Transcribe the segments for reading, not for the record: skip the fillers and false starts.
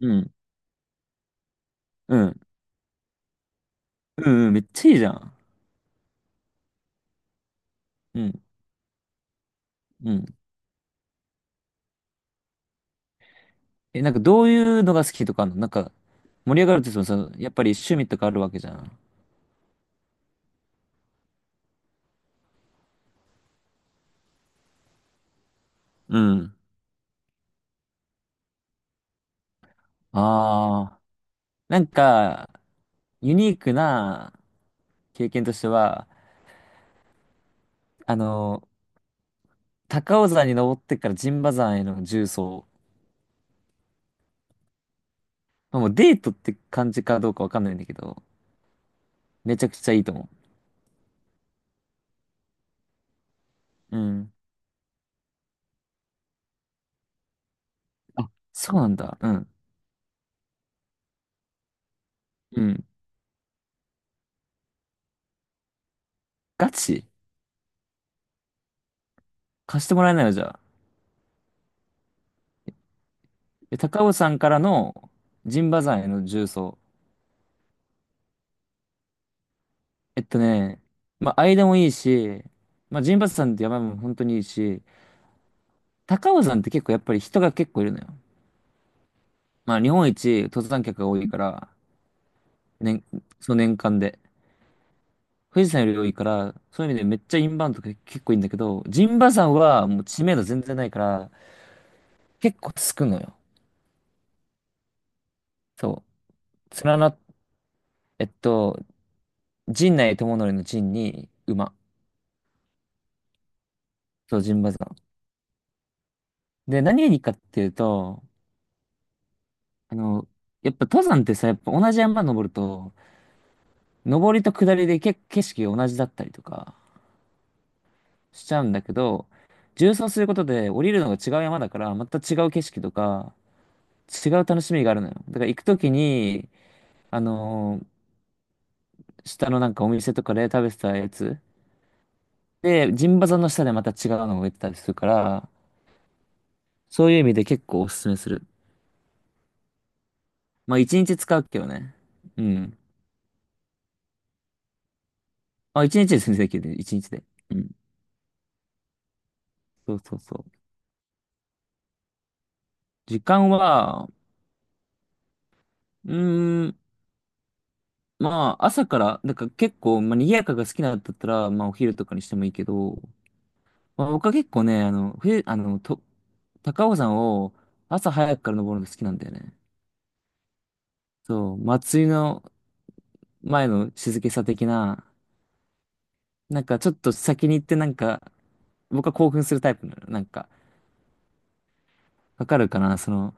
うん。うん。うん、うん、めっちゃいいじゃん。うん。うん。え、なんかどういうのが好きとかあんの、なんか、盛り上がるってその、そやっぱり趣味とかあるわけじゃん。うん。ああ。なんか、ユニークな経験としては、あの、高尾山に登ってから陣馬山への縦走。まあもうデートって感じかどうかわかんないんだけど、めちゃくちゃいいと思う。うん。あ、そうなんだ。うん。うん。ガチ貸してもらえないのじゃあ。で、高尾山からの陣馬山への縦走。えっとね、まあ、間もいいし、まあ、陣馬山って山も本当にいいし、高尾山って結構やっぱり人が結構いるのよ。まあ、日本一登山客が多いから、年、その年間で。富士山より多いから、そういう意味でめっちゃインバウンドが結構いいんだけど、陣馬山はもう知名度全然ないから、結構つくのよ。そう。連な、えっと、陣内智則の陣に馬。そう、陣馬山。で、何がいいかっていうと、あの、やっぱ登山ってさ、やっぱ同じ山登ると、登りと下りでけ景色が同じだったりとかしちゃうんだけど、縦走することで降りるのが違う山だから、また違う景色とか、違う楽しみがあるのよ。だから行くときに、あのー下のなんかお店とかで食べてたやつ、で、陣馬山の下でまた違うのが出てたりするから、そういう意味で結構おすすめする。まあ一日使うけどね。うん。まあ、一日で全然できるね。一日で。うん。そうそうそう。時間は、うーん、まあ、朝から、なんか結構、まあ、賑やかが好きなんだったら、まあ、お昼とかにしてもいいけど、まあ、僕は結構ね、あの、冬、あの、と、高尾山を朝早くから登るのが好きなんだよね。そう、祭りの前の静けさ的な、なんかちょっと先に行ってなんか、僕は興奮するタイプなの。なんか、わかるかなその、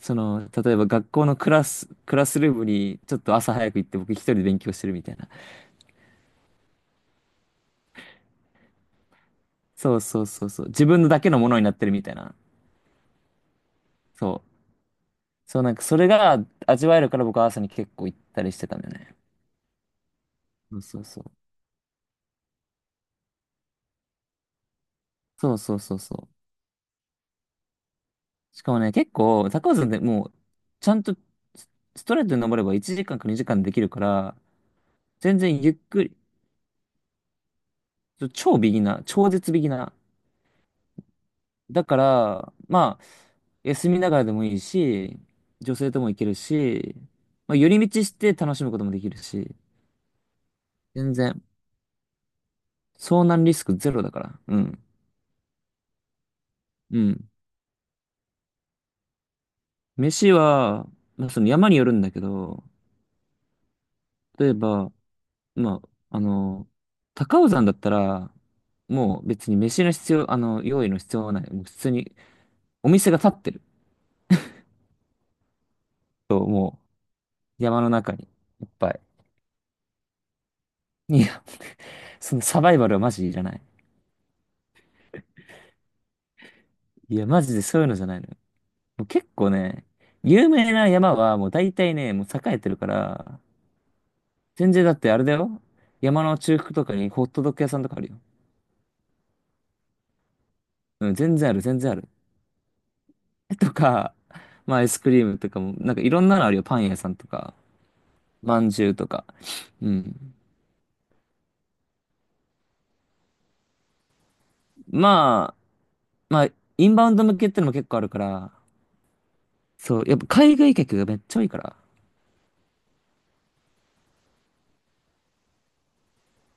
その、例えば学校のクラス、クラスルームにちょっと朝早く行って僕一人で勉強してるみたいな。そうそうそうそう。自分のだけのものになってるみたいな。そう。そう、なんかそれが味わえるから僕は朝に結構行ったりしてたんだよね。そうそうそう。そうそうそうそう。しかもね、結構、高尾山でもう、ちゃんとスストレートに登れば1時間か2時間できるから、全然ゆっくり、超ビギナー、超絶ビギナー。だから、まあ、休みながらでもいいし、女性とも行けるし、まあ、寄り道して楽しむこともできるし、全然、遭難リスクゼロだから。うん。うん。飯は、まあ、その山によるんだけど、例えば、まあ、あの、高尾山だったら、もう別に飯の必要、あの、用意の必要はない。もう普通にお店が立ってると、もう山の中にいっぱい。いや、そのサバイバルはマジいらない。いや、マジでそういうのじゃないのよ。もう結構ね、有名な山はもう大体ね、もう栄えてるから、全然だってあれだよ。山の中腹とかにホットドッグ屋さんとかあるよ。うん、全然ある、全然ある。とか、まあアイスクリームとかも、なんかいろんなのあるよ。パン屋さんとか。まんじゅうとか。うん。まあ、まあ、インバウンド向けってのも結構あるから、そう、やっぱ海外客がめっちゃ多いから。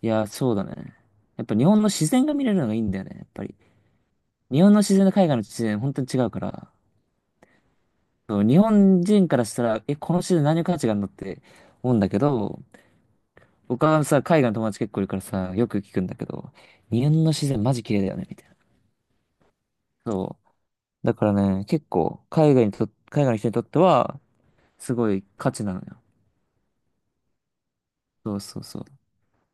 いや、そうだね。やっぱ日本の自然が見れるのがいいんだよね、やっぱり。日本の自然と海外の自然、本当に違うから。そう、日本人からしたら、え、この自然何の価値があるのって思うんだけど、僕はさ、海外の友達結構いるからさ、よく聞くんだけど、日本の自然マジ綺麗だよね、みたいな。そう。だからね、結構、海外にと、海外の人にとっては、すごい価値なのよ。そうそうそう。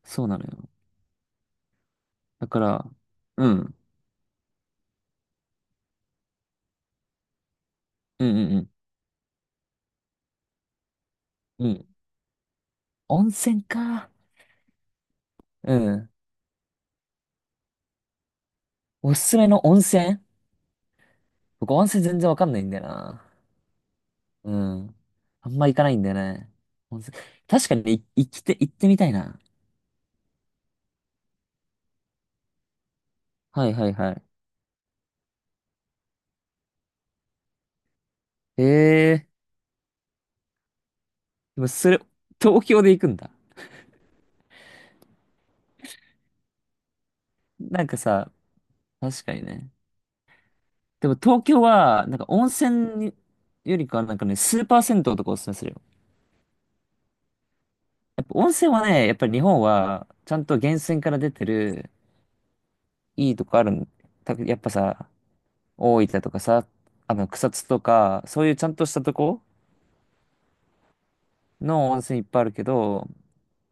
そうなのよ。だから、うん。うんうんうん。うん。温泉か。うん。おすすめの温泉、僕温泉全然わかんないんだよな。うん。あんま行かないんだよね。温泉。確かに、い行きて、行ってみたいな。はいはいはい。ええー、でもそれ、東京で行くんだ。なんかさ、確かにね。でも東京は、なんか温泉によりかはなんかね、スーパー銭湯とかおすすめするよ。やっぱ温泉はね、やっぱり日本は、ちゃんと源泉から出てる、いいとこあるん。たやっぱさ、大分とかさ、草津とか、そういうちゃんとしたとこの温泉いっぱいあるけど、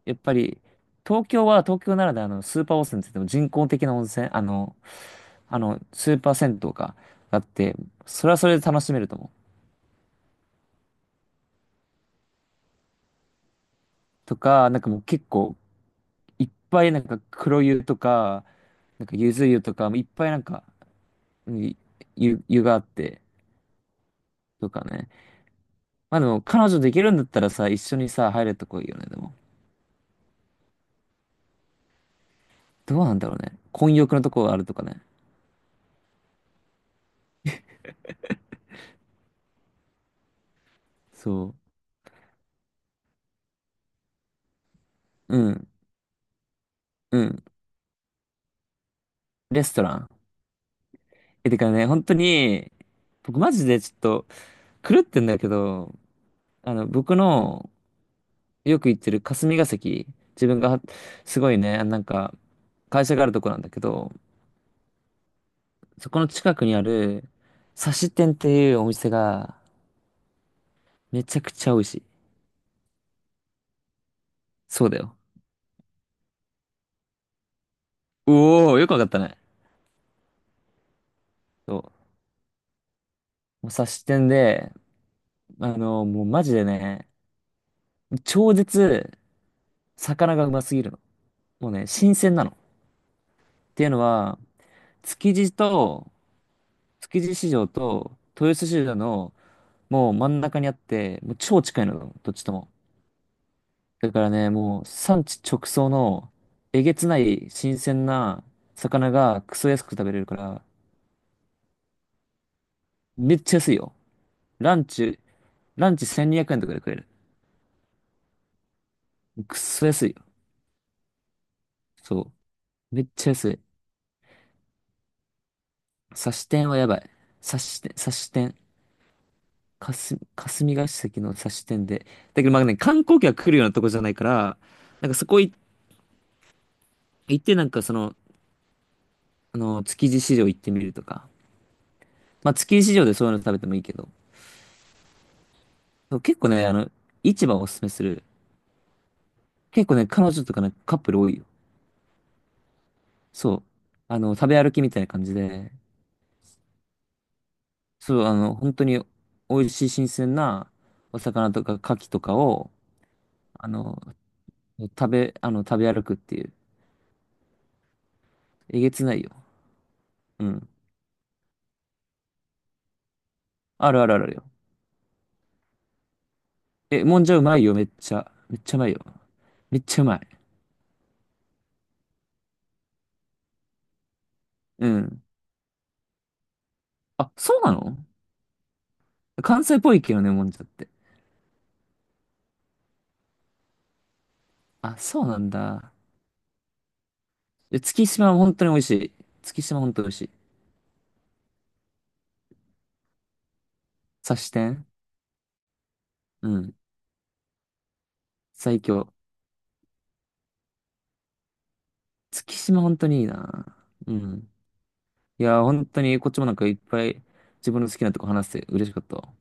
やっぱり、東京は東京ならではのスーパー温泉って言っても人工的な温泉、スーパー銭湯があって、それはそれで楽しめると思う。とか、なんかもう結構、いっぱいなんか黒湯とか、なんかゆず湯とか、いっぱいなんか、うん、湯、湯があって、とかね。まあでも、彼女できるんだったらさ、一緒にさ、入れとこいいよね、でも。どうなんだろうね。混浴のとこがあるとかね。そう。うん。うん。レストラン。え、てかね、本当に、僕マジでちょっと狂ってんだけど、僕のよく行ってる霞が関、自分がすごいね、なんか、会社があるとこなんだけど、そこの近くにある、刺し店っていうお店が、めちゃくちゃ美味しい。そうだよ。おー、よくわかったね。そう、もう察してんで、もうマジでね、超絶魚がうますぎるの。もうね、新鮮なの。っていうのは、築地と、築地市場と豊洲市場のもう真ん中にあって、もう超近いの、どっちとも。だからね、もう産地直送のえげつない新鮮な魚がクソ安く食べれるから、めっちゃ安いよ。ランチ、ランチ1200円とかで食える。クソ安いよ。そう。めっちゃ安い。差し店はやばい。差し店。かす、霞が関の差し店で。だけどまあね、観光客が来るようなとこじゃないから、なんかそこい行ってなんかその、築地市場行ってみるとか。まあ築地市場でそういうの食べてもいいけど。そう結構ね、市場をおすすめする。結構ね、彼女とかね、カップル多いよ。そう。あの、食べ歩きみたいな感じで。そう、本当に美味しい新鮮なお魚とか牡蠣とかを、あの、食べ歩くっていう。えげつないよ。うん。あるあるあるあるよ。え、もんじゃうまいよ、めっちゃ。めっちゃうまいよ。めっちゃうまい。うん。あ、そうなの。関西っぽいけどね、もんじゃって。あ、そうなんだ。で、月島は本当に美味しい。月島本当に美味しい。刺し店。うん。最強。月島本当にいいな。うん。いや、本当にこっちもなんかいっぱい自分の好きなとこ話して嬉しかったわ。